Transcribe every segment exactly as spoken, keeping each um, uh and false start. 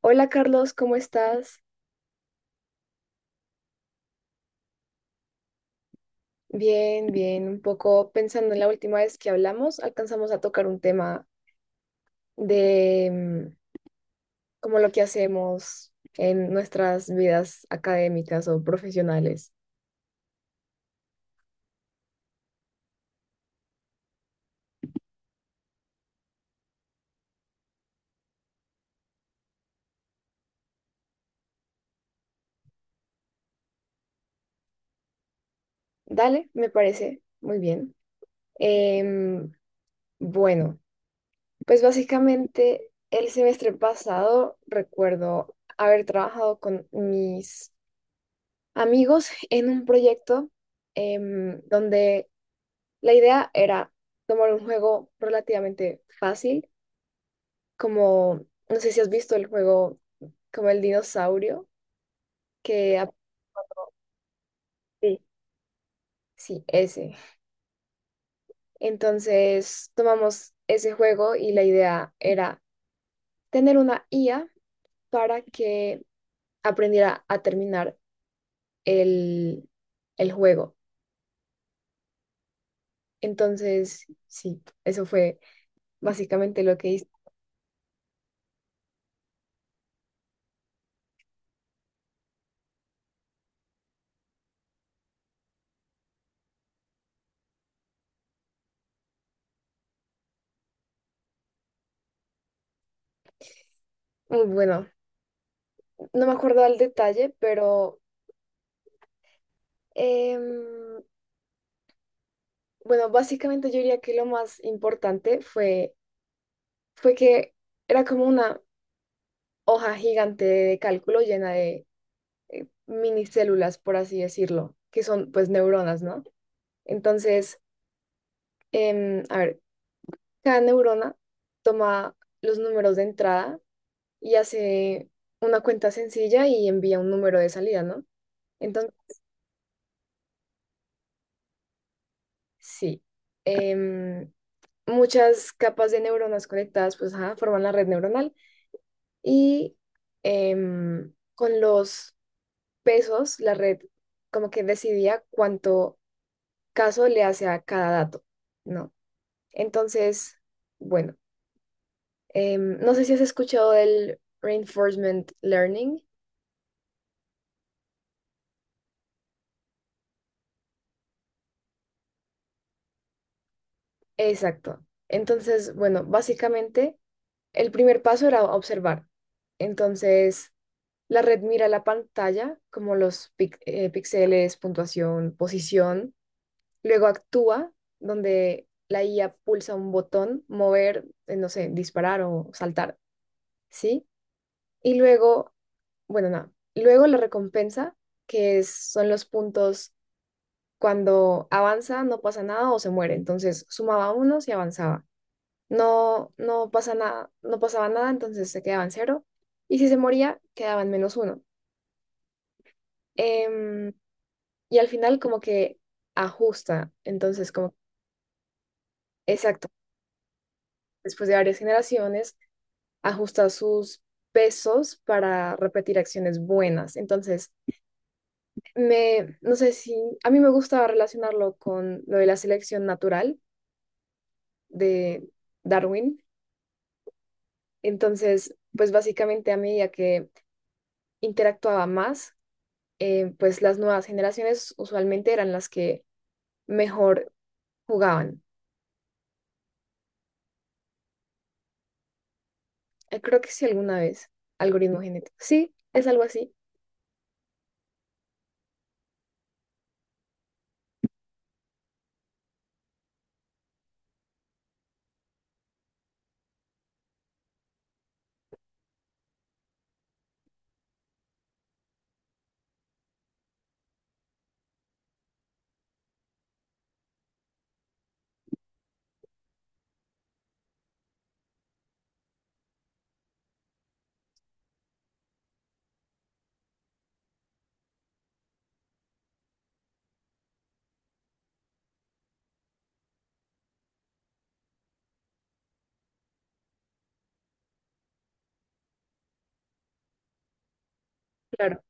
Hola Carlos, ¿cómo estás? Bien, bien. Un poco pensando en la última vez que hablamos, alcanzamos a tocar un tema de mm, como lo que hacemos en nuestras vidas académicas o profesionales. Dale, me parece muy bien. Em, bueno, pues básicamente el semestre pasado recuerdo haber trabajado con mis amigos en un proyecto em, donde la idea era tomar un juego relativamente fácil, como, no sé si has visto el juego como el dinosaurio, que... ap- sí, sí, ese. Entonces tomamos ese juego y la idea era tener una I A para que aprendiera a terminar el, el juego. Entonces, sí, eso fue básicamente lo que hice. Muy bueno, no me acuerdo al detalle, pero... em, bueno, básicamente yo diría que lo más importante fue, fue que era como una hoja gigante de cálculo llena de minicélulas, por así decirlo, que son pues neuronas, ¿no? Entonces, em, a ver, cada neurona toma los números de entrada y hace una cuenta sencilla y envía un número de salida, ¿no? Entonces, sí, em, muchas capas de neuronas conectadas pues ajá, forman la red neuronal. Y em, con los pesos, la red como que decidía cuánto caso le hace a cada dato, ¿no? Entonces, bueno, em, no sé si has escuchado del reinforcement learning. Exacto. Entonces, bueno, básicamente el primer paso era observar. Entonces, la red mira la pantalla como los pic- eh, píxeles, puntuación, posición. Luego actúa, donde la I A pulsa un botón, mover, eh, no sé, disparar o saltar, ¿sí? Y luego, bueno, nada. Luego la recompensa, que es- son los puntos cuando avanza, no pasa nada o se muere. Entonces sumaba unos y avanzaba. No, no pasa nada, no pasaba nada, entonces se quedaba en cero. Y si se moría, quedaba en menos uno. Em, y al final como que ajusta. Entonces, como, exacto, después de varias generaciones ajustar sus pesos para repetir acciones buenas. Entonces, me, no sé si, a mí me gusta relacionarlo con lo de la selección natural de Darwin. Entonces, pues básicamente a medida que interactuaba más, eh, pues las nuevas generaciones usualmente eran las que mejor jugaban. Eh, Creo que sí alguna vez, algoritmo genético. Sí, es algo así, claro.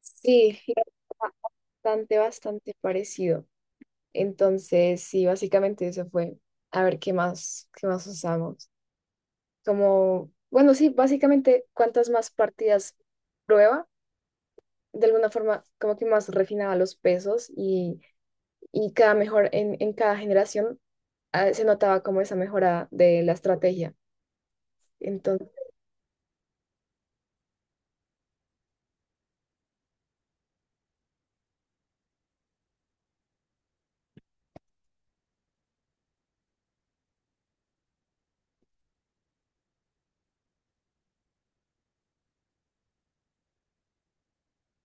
Sí, bastante, bastante parecido. Entonces, sí, básicamente eso fue. A ver qué más, qué más usamos. Como, bueno, sí, básicamente cuantas más partidas prueba, de alguna forma como que más refinaba los pesos y, y cada mejor en, en cada generación ah, se notaba como esa mejora de la estrategia. Entonces,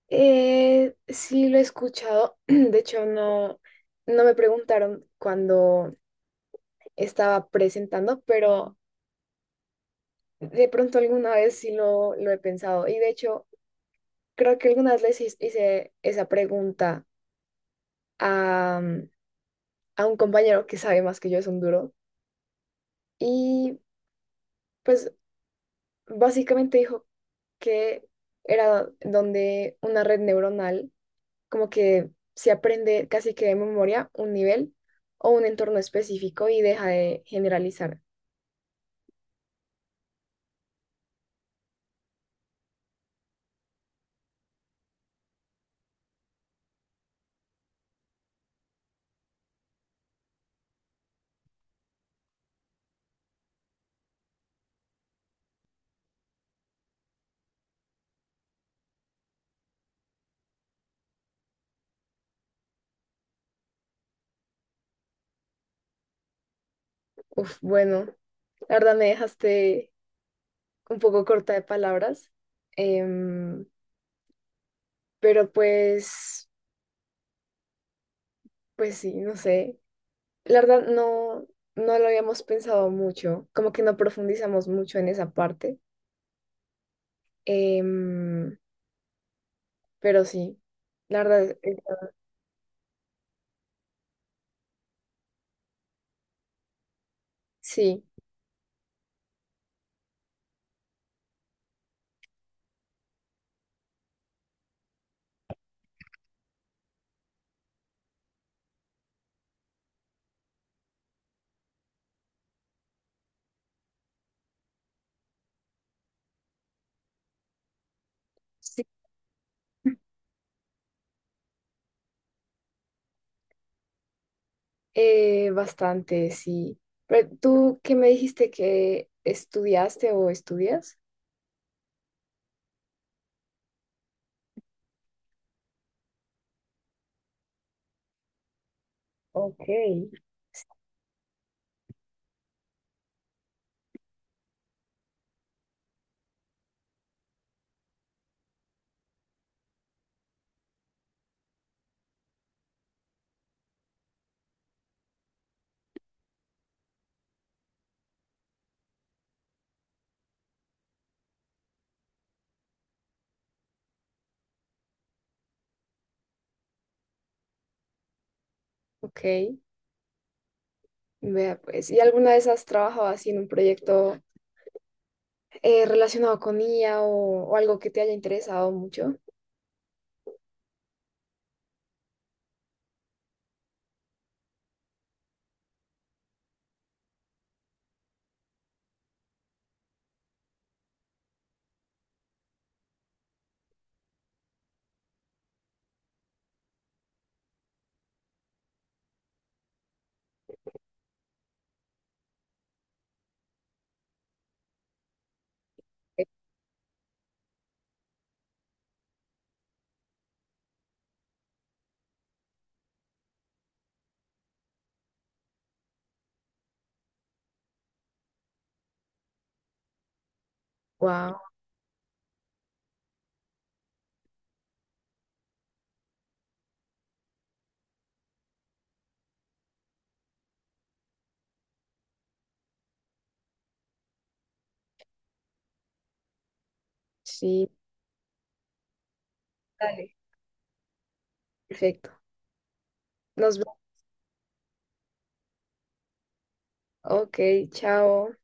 eh, sí lo he escuchado. De hecho, no, no me preguntaron cuando estaba presentando, pero de pronto alguna vez sí lo, lo he pensado. Y de hecho, creo que alguna vez les hice hice esa pregunta a, mm, a un compañero que sabe más que yo, es un duro, y pues básicamente dijo que era donde una red neuronal como que se aprende casi que de memoria un nivel o un entorno específico y deja de generalizar. Uf, bueno, la verdad me dejaste un poco corta de palabras, em, pero pues, pues sí, no sé. La verdad no, no lo habíamos pensado mucho, como que no profundizamos mucho en esa parte, em, pero sí, la verdad, eh, sí, sí, eh, bastante, sí. Pero tú, ¿qué me dijiste que estudiaste o estudias? Ok. Ok, vea pues. ¿Y alguna vez has trabajado así en un proyecto eh, relacionado con I A o, o algo que te haya interesado mucho? Wow, sí, dale, perfecto. Nos vemos. Ok, chao.